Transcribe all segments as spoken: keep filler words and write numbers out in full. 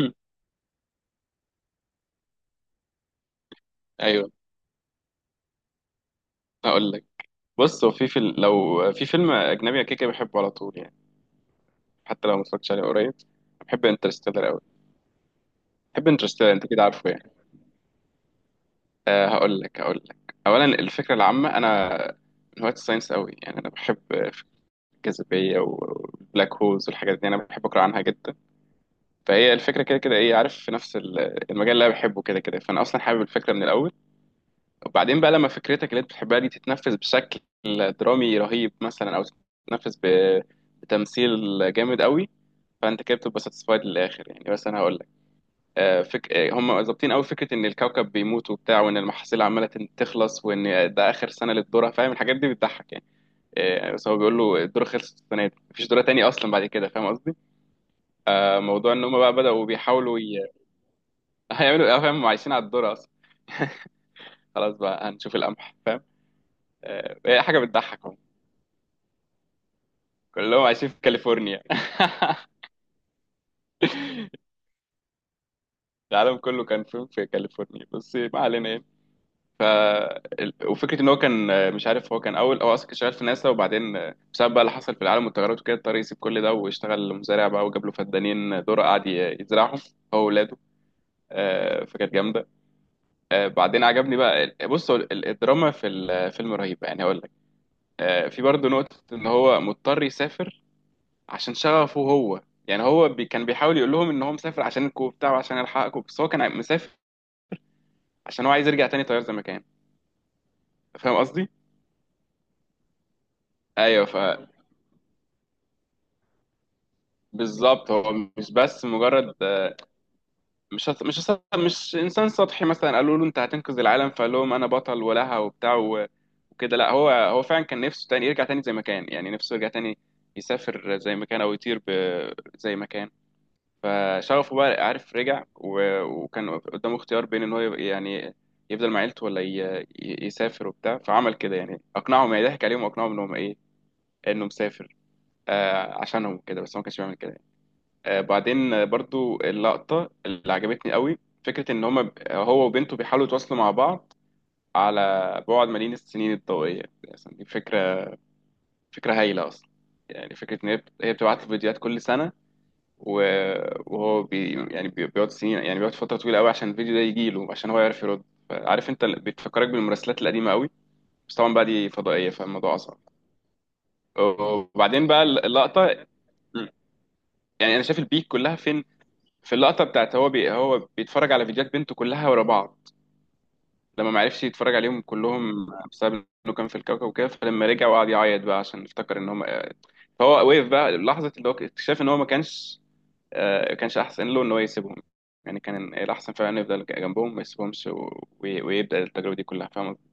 هم، ايوه، هقول لك. بص، هو في فيلم، لو في فيلم اجنبي أنا كده كده بحبه على طول يعني، حتى لو ما اتفرجتش عليه قريب. بحب انترستيلر قوي. بحب انترستيلر، انت كده عارفه يعني. أه هقول لك، هقول لك اولا الفكره العامه، انا من هواة الساينس قوي يعني، انا بحب فكرة الجاذبيه والبلاك هولز والحاجات دي، انا بحب اقرا عنها جدا. فهي الفكره كده كده، ايه، عارف، في نفس ال- المجال اللي انا بحبه كده كده، فانا اصلا حابب الفكره من الاول. وبعدين بقى لما فكرتك اللي انت بتحبها دي تتنفذ بشكل درامي رهيب مثلا، او تتنفذ ب- بتمثيل جامد قوي، فانت كده بتبقى ساتسفايد للاخر يعني. بس انا هقول لك، آه، فك... آه، هم ظابطين قوي فكره ان الكوكب بيموت وبتاع، وان المحاصيل عماله تن- تخلص، وان ده اخر سنه للذره، فاهم؟ الحاجات دي بتضحك يعني. آه، بس هو بيقول له الذره خلصت السنه دي، مفيش ذره تاني اصلا بعد كده، فاهم قصدي؟ آه، موضوع ان هم بقى بداوا بيحاولوا ي... هيعملوا، آه، فاهم، هم عايشين على الذره اصلا، خلاص بقى هنشوف القمح، فاهم؟ آه، هي حاجه بتضحك. كلهم عايشين في كاليفورنيا. العالم كله كان فيلم في كاليفورنيا بس، ما علينا يعني. ف ال- وفكره ان هو كان، آه، مش عارف، هو كان اول، هو اصلا كان شغال في ناسا، وبعدين آه، بسبب بقى اللي حصل في العالم والتغيرات وكده، اضطر يسيب كل ده واشتغل مزارع بقى، وجاب له فدانين ذره قعد ي- يزرعهم هو واولاده. آه، فكانت جامده. آه، بعدين عجبني بقى ال- بص، هو ال- الدراما في الفيلم رهيبه يعني، هقول لك. آه، في برضه نقطه ان هو مضطر يسافر عشان شغفه هو يعني. هو بي كان بيحاول يقول لهم ان هو مسافر عشان الكو بتاعه وعشان يلحقكم، بس هو كان مسافر عشان هو عايز يرجع تاني طيار زي ما كان، فاهم قصدي؟ ايوه، ف بالظبط. هو مش بس مجرد، مش هت- مش هت- مش انسان سطحي مثلا قالوا له انت هتنقذ العالم فقال لهم انا بطل ولها وبتاع و- وكده، لا، هو هو فعلا كان نفسه تاني يرجع تاني زي ما كان يعني، نفسه يرجع تاني يسافر زي ما كان، او يطير ب- زي ما كان. فشغفه بقى، عارف، رجع و- وكان قدامه اختيار بين ان هو يبقى- يعني يفضل مع عيلته ولا ي- ي- يسافر وبتاع، فعمل كده يعني، اقنعهم يعني، ضحك عليهم واقنعهم ان هم ايه، انه مسافر آه عشانهم كده، بس هو ما كانش بيعمل كده يعني. آه، بعدين آه، برضو اللقطة اللي عجبتني قوي، فكرة ان هم هو وبنته بيحاولوا يتواصلوا مع بعض على بعد ملايين السنين الضوئية، يعني دي فكرة، فكرة هايلة اصلا. يعني فكرة ان هي بت- هي بتبعت له فيديوهات كل سنة، و- وهو بي يعني، بي- بيقعد سنين يعني، بيقعد فترة طويلة قوي عشان الفيديو ده يجي له عشان هو يعرف يرد. عارف انت، ال- بتفكرك بالمراسلات القديمة قوي، بس طبعا بقى دي فضائية فالموضوع أصعب. وبعدين بقى اللقطة، يعني أنا شايف البيك كلها فين، في اللقطة بتاعت هو بي هو بيتفرج على فيديوهات بنته كلها ورا بعض لما ما عرفش يتفرج عليهم كلهم بسبب انه كان في الكوكب وكده، فلما رجع وقعد يعيط بقى عشان افتكر ان هم. فهو وقف بقى لحظة، اللي هو اكتشاف ان هو ما كانش، آه، كانش احسن له ان هو يسيبهم يعني، كان الاحسن فعلا يفضل جنبهم ما يسيبهمش و- وي- ويبدا التجربه دي كلها، فاهم قصدي؟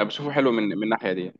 انا بشوفه حلو من من الناحيه دي.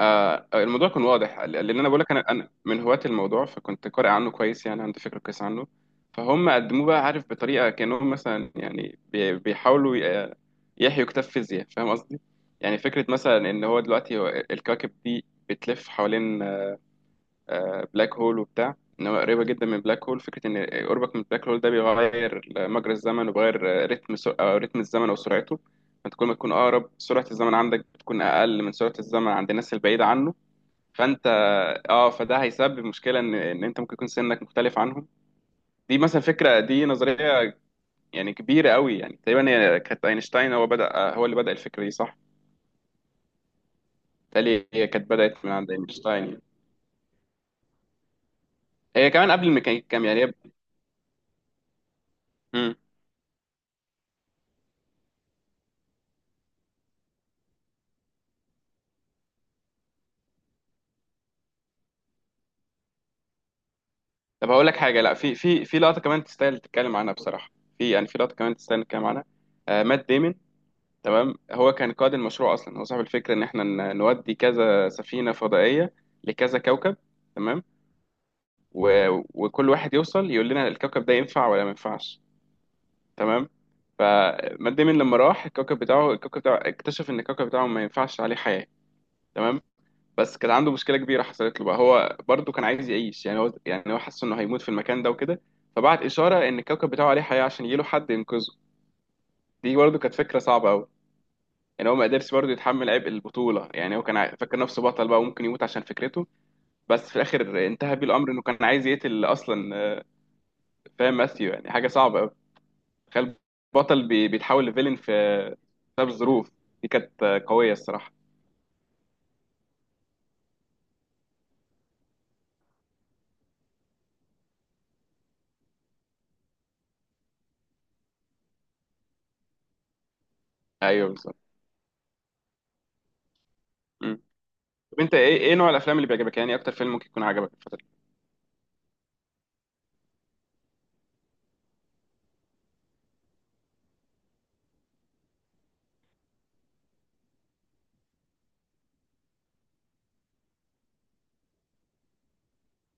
آه، الموضوع كان واضح، لان انا بقول لك، انا أنا من هواة الموضوع، فكنت قارئ عنه كويس يعني، عندي فكره كويس عنه. فهم قدموه بقى، عارف، بطريقه كانهم مثلا يعني بي- بيحاولوا ي- يحيوا كتاب فيزياء، فاهم قصدي؟ يعني فكره مثلا ان هو دلوقتي، هو الكواكب دي بتلف حوالين بلاك هول وبتاع، ان هو قريبه جدا من بلاك هول، فكره ان قربك من بلاك هول ده بيغير مجرى الزمن، وبيغير رتم سو... أو رتم الزمن او سرعته. فانت كل ما تكون اقرب، سرعه الزمن عندك بتكون اقل من سرعه الزمن عند الناس البعيده عنه. فانت اه، فده هيسبب مشكله ان ان انت ممكن يكون سنك مختلف عنهم. دي مثلا فكره، دي نظريه يعني كبيره قوي يعني، تقريبا هي كانت اينشتاين، هو بدا، آه، هو اللي بدا الفكره دي صح؟ بالتالي هي كانت بدات من عند اينشتاين يعني. هي كمان قبل الميكانيكا الكم يعني هي- مم. طب هقول لك حاجه، لا، في في في لقطه كمان تستاهل تتكلم عنها بصراحه، في يعني في لقطه كمان تستاهل نتكلم عنها. آه مات ديمن، تمام، هو كان قائد المشروع اصلا، هو صاحب الفكره ان احنا ن- نودي كذا سفينه فضائيه لكذا كوكب، تمام، و... وكل واحد يوصل يقول لنا الكوكب ده ينفع ولا ما ينفعش، تمام. فمات ديمن لما راح الكوكب بتاعه، الكوكب بتاعه اكتشف ان الكوكب بتاعه ما ينفعش عليه حياه، تمام، بس كان عنده مشكله كبيره حصلت له بقى، هو برضه كان عايز يعيش يعني، هو يعني هو حس انه هيموت في المكان ده وكده، فبعت اشاره ان الكوكب بتاعه عليه حياه عشان يجيله حد ينقذه. دي برضه كانت فكره صعبه قوي يعني، هو ما قدرش برضه يتحمل عبء البطوله يعني، هو كان عا- فاكر نفسه بطل بقى وممكن يموت عشان فكرته. بس في الاخر انتهى بيه الامر انه كان عايز يقتل اصلا، آه، فاهم ماثيو؟ يعني حاجه صعبه قوي، تخيل، بطل بي- بيتحول لفيلن في، بسبب الظروف. دي كانت آه، قويه الصراحه. ايوه بالظبط. مم. طب انت ايه، ايه نوع الافلام اللي بيعجبك يعني، اكتر فيلم ممكن يكون عجبك الفتره؟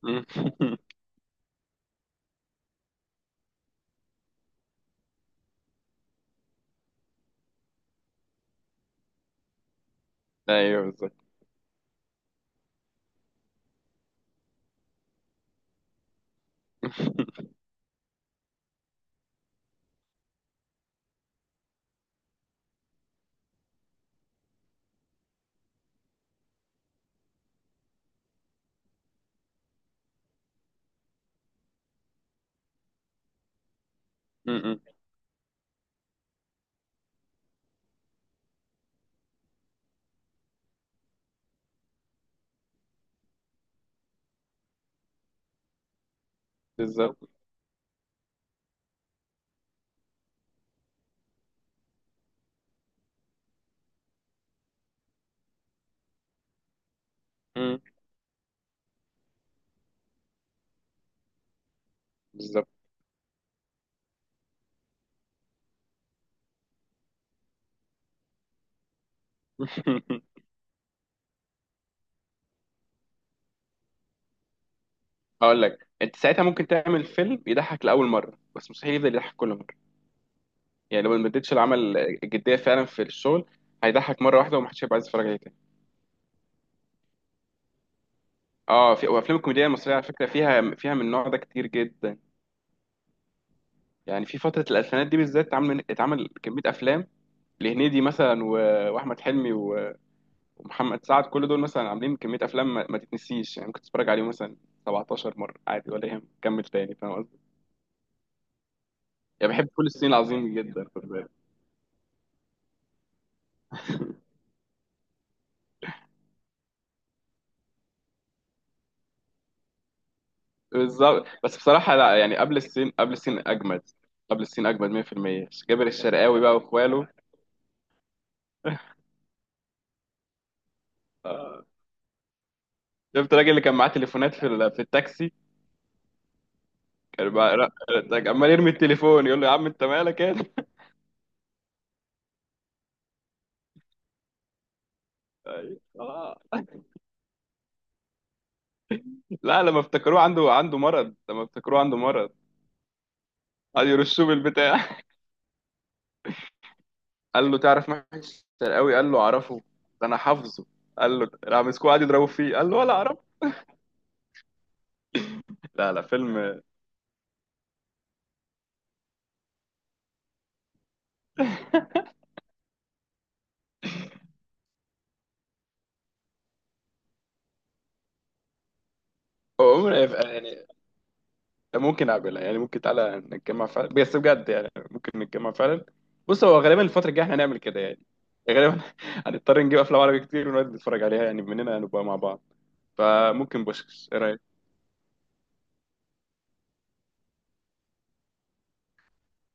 مم. ايوه بالظبط. مم. بالظبط. مم. بالظبط. هقول لك، انت ساعتها ممكن تعمل فيلم يضحك لاول مره، بس مستحيل يفضل يضحك كل مره. يعني لو ما اديتش العمل الجديه فعلا في الشغل، هيضحك مره واحده ومحدش هيبقى عايز يتفرج عليه تاني. اه، في وافلام الكوميديا المصريه على فكره، فيها فيها من النوع ده كتير جدا. يعني في فتره الالفينات دي بالذات، اتعمل اتعمل كميه افلام لهنيدي مثلا، و- واحمد حلمي ومحمد سعد. كل دول مثلا عاملين كمية أفلام ما, ما تتنسيش يعني، ممكن تتفرج عليهم مثلا سبعتاشر مرة عادي ولا يهم، كمل تاني، فاهم قصدي؟ يعني بحب كل السنين، العظيم جدا، خد بالك. بالظبط. بس بصراحة لا يعني، قبل السين، قبل السين أجمد. قبل السين أجمد مية بالمية. جابر الشرقاوي بقى وإخواله. آه، شفت الراجل اللي كان معاه تليفونات في ال- في التاكسي؟ كان بقى لا- لا، عمال يرمي التليفون يقول له يا عم أنت مالك يا. أيوة. آه. لا، لما افتكروه عنده عنده مرض، لما افتكروه عنده مرض، قعدوا يرشوه بالبتاع. قال له تعرف محمد الشرقاوي؟ قال له اعرفه، ده انا حافظه. قال له راح مسكوه قعد يضربوا فيه، قال له ولا اعرف. لا لا فيلم. هو عمره هيبقى- يعني ممكن اقابلها يعني، ممكن تعالى نتجمع فعلا، بس بجد يعني ممكن نتجمع فعلا. بص هو غالبا الفترة الجاية احنا هنعمل كده يعني، غالبا هنضطر نجيب افلام عربي كتير ونقعد نتفرج عليها يعني، مننا هنبقى مع بعض. فممكن بوشكش، ايه رايك؟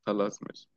خلاص ماشي.